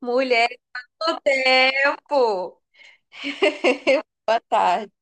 Mulher do tempo! Boa tarde.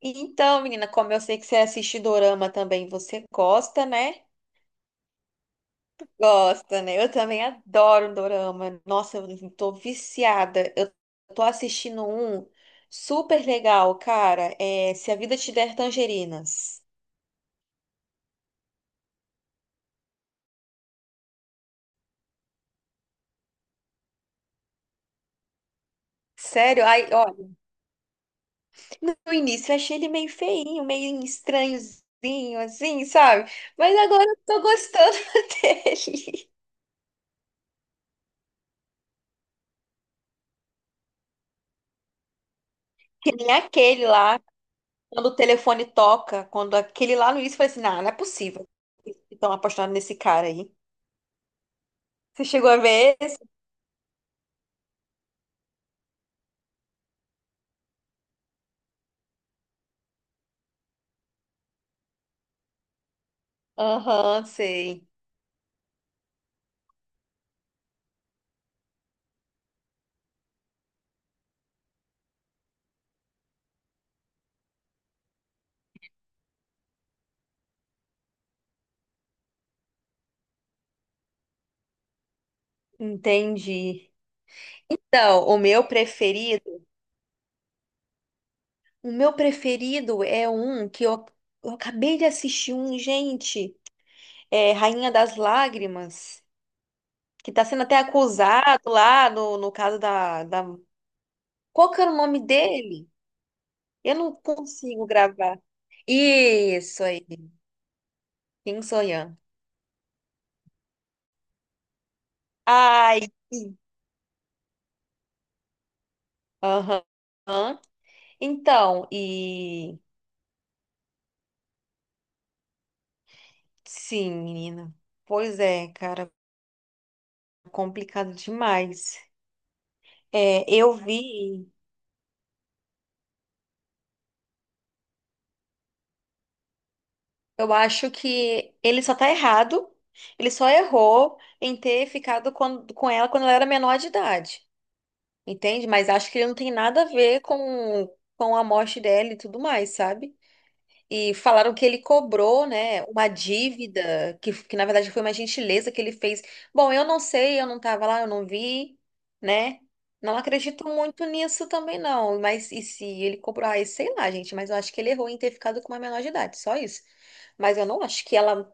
Então, menina, como eu sei que você assiste dorama também, você gosta, né? Gosta, né? Eu também adoro um dorama. Nossa, eu tô viciada. Eu tô assistindo um super legal, cara. É Se a Vida Te Der Tangerinas. Sério? Ai, ó, no início eu achei ele meio feinho, meio estranhozinho, assim, sabe? Mas agora eu tô gostando dele. Que nem aquele lá. Quando o telefone toca, quando aquele lá no início foi assim, não, não é possível. Estão apostando nesse cara aí. Você chegou a ver esse? Aham, sei. Entendi. Então, o meu preferido é um eu acabei de assistir um, gente, é Rainha das Lágrimas, que tá sendo até acusado lá no caso da... Qual que era o nome dele? Eu não consigo gravar. Isso aí, Kim Soyan. Ai, aham. Então, e sim, menina. Pois é, cara, complicado demais. É, eu vi, eu acho que ele só tá errado, ele só errou em ter ficado com ela quando ela era menor de idade, entende? Mas acho que ele não tem nada a ver com a morte dela e tudo mais, sabe? E falaram que ele cobrou, né, uma dívida, que na verdade foi uma gentileza que ele fez. Bom, eu não sei, eu não estava lá, eu não vi, né? Não acredito muito nisso também, não. Mas e se ele cobrou? Ah, sei lá, gente, mas eu acho que ele errou em ter ficado com uma menor de idade, só isso. Mas eu não acho que ela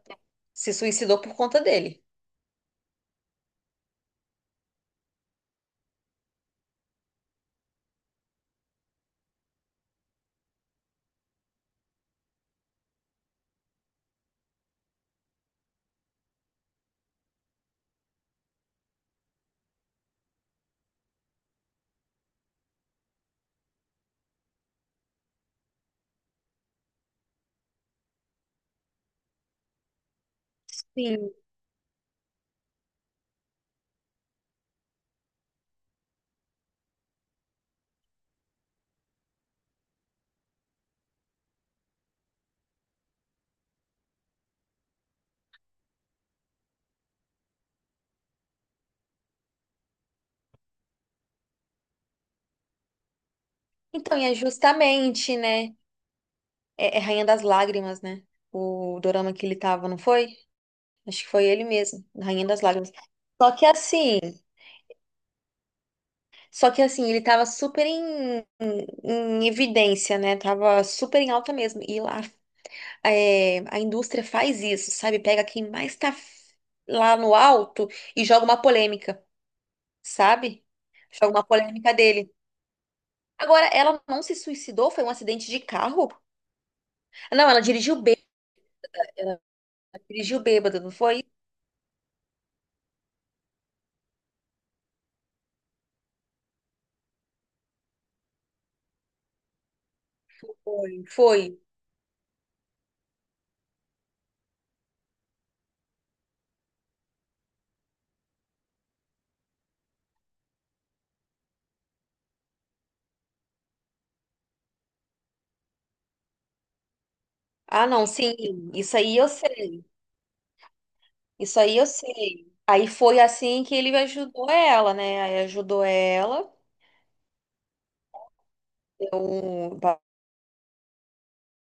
se suicidou por conta dele. Sim. Então, e é justamente, né? É, é Rainha das Lágrimas, né? O dorama que ele tava, não foi? Acho que foi ele mesmo, Rainha das Lágrimas. Só que assim. Só que assim, ele tava super em evidência, né? Tava super em alta mesmo. E lá é, a indústria faz isso, sabe? Pega quem mais tá f- lá no alto e joga uma polêmica, sabe? Joga uma polêmica dele. Agora, ela não se suicidou? Foi um acidente de carro? Não, ela dirigiu bêbada. Ela dirigiu bêbada, não foi? Foi, foi. Ah, não, sim. Isso aí eu sei. Isso aí eu sei. Aí foi assim que ele ajudou ela, né? Aí ajudou ela. Um,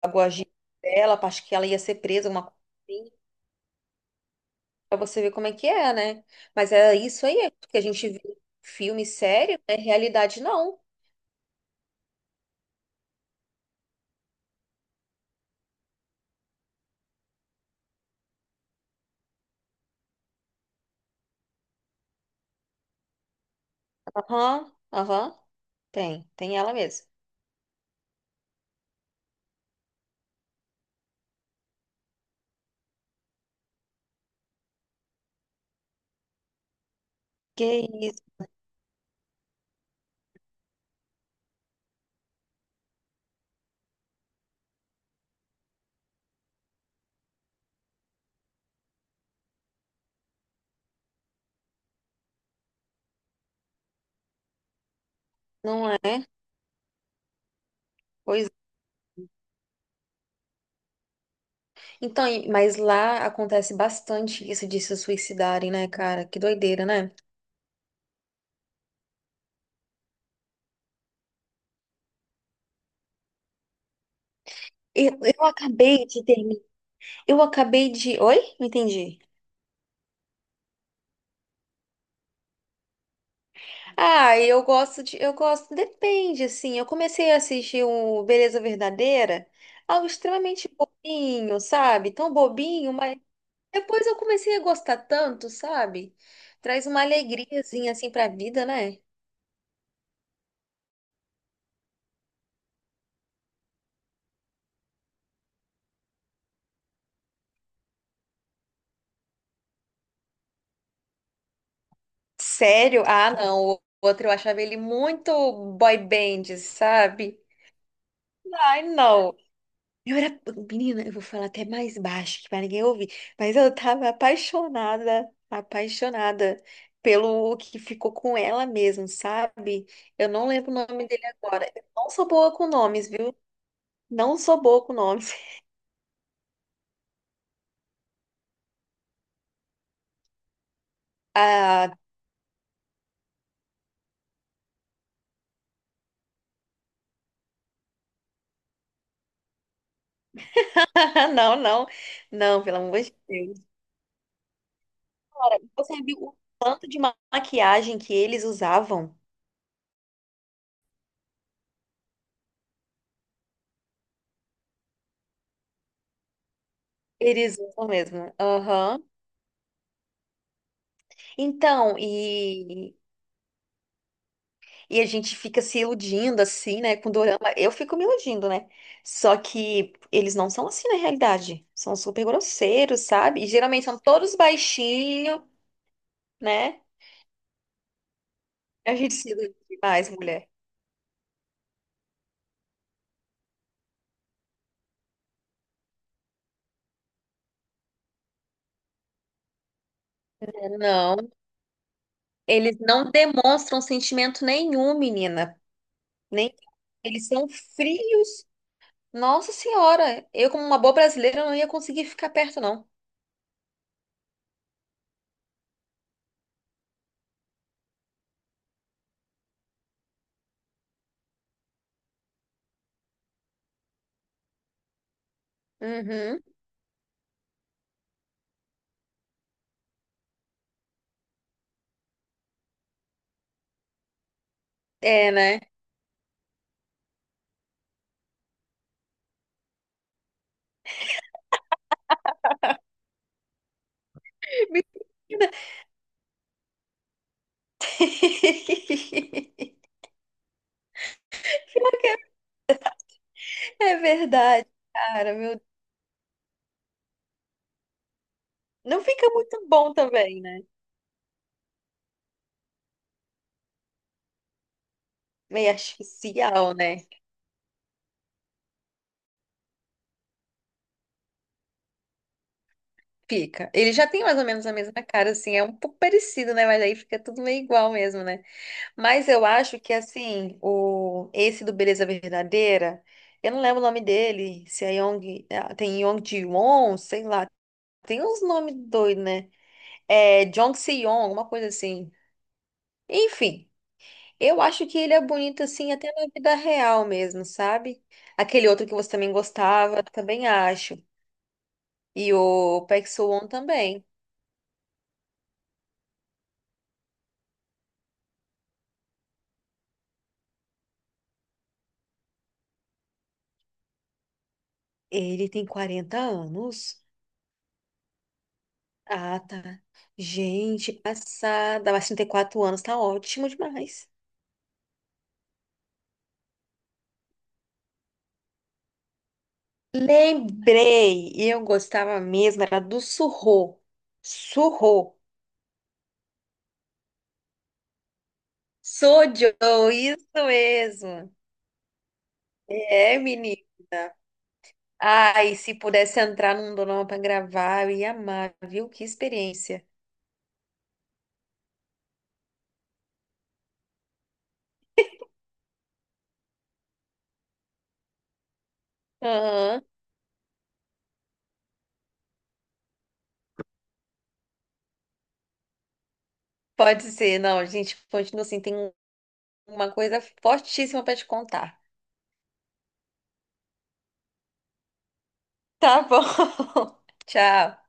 pagou a gíria dela, acho que ela ia ser presa, uma coisa assim, pra você ver como é que é, né? Mas é isso aí, é porque a gente vê filme sério, é realidade não. Aham, aham, tem, tem ela mesmo. Que isso, não é? Pois, é. Então, e- mas lá acontece bastante isso de se suicidarem, né, cara? Que doideira, né? Eu acabei de terminar. Eu acabei de. Oi? Não entendi. Ah, eu gosto de, eu gosto, depende, assim. Eu comecei a assistir o Beleza Verdadeira, algo extremamente bobinho, sabe? Tão bobinho, mas depois eu comecei a gostar tanto, sabe? Traz uma alegriazinha assim pra vida, né? Sério? Ah, não. O outro eu achava ele muito boy band, sabe? Ai, não. Eu era. Menina, eu vou falar até mais baixo que pra ninguém ouvir, mas eu tava apaixonada, apaixonada pelo que ficou com ela mesmo, sabe? Eu não lembro o nome dele agora. Eu não sou boa com nomes, viu? Não sou boa com nomes. Ah, não, não, não, pelo amor de Deus. Cara, você viu o tanto de ma- maquiagem que eles usavam? Eles usam mesmo. Aham. Então, e a gente fica se iludindo assim, né, com dorama. Eu fico me iludindo, né? Só que eles não são assim na realidade. São super grosseiros, sabe? E geralmente são todos baixinhos, né? A gente se ilude demais, mulher. É, não, eles não demonstram sentimento nenhum, menina. Nem eles são frios. Nossa Senhora, eu como uma boa brasileira não ia conseguir ficar perto, não. Uhum. É, né? Menina. Pior que é verdade, cara, meu. Não fica muito bom também, né? Meio artificial, né? Fica. Ele já tem mais ou menos a mesma cara, assim, é um pouco parecido, né? Mas aí fica tudo meio igual mesmo, né? Mas eu acho que, assim, o esse do Beleza Verdadeira, eu não lembro o nome dele, se é Yong, ah, tem Yong Ji-won, sei lá. Tem uns nomes doidos, né? É Jong Se-yong, alguma coisa assim. Enfim. Eu acho que ele é bonito assim até na vida real mesmo, sabe? Aquele outro que você também gostava, também acho. E o Park Soo-won também. Ele tem 40 anos. Ah, tá. Gente, passada. Mas 34 anos tá ótimo demais. Lembrei. E eu gostava mesmo, era do Surro. Surro. Sojo, isso mesmo. É, menino. Ai, se pudesse entrar num dorama pra gravar, eu ia amar, viu? Que experiência. Aham, pode ser. Não, gente, continua assim. Tem uma coisa fortíssima pra te contar. Tá bom. Tchau.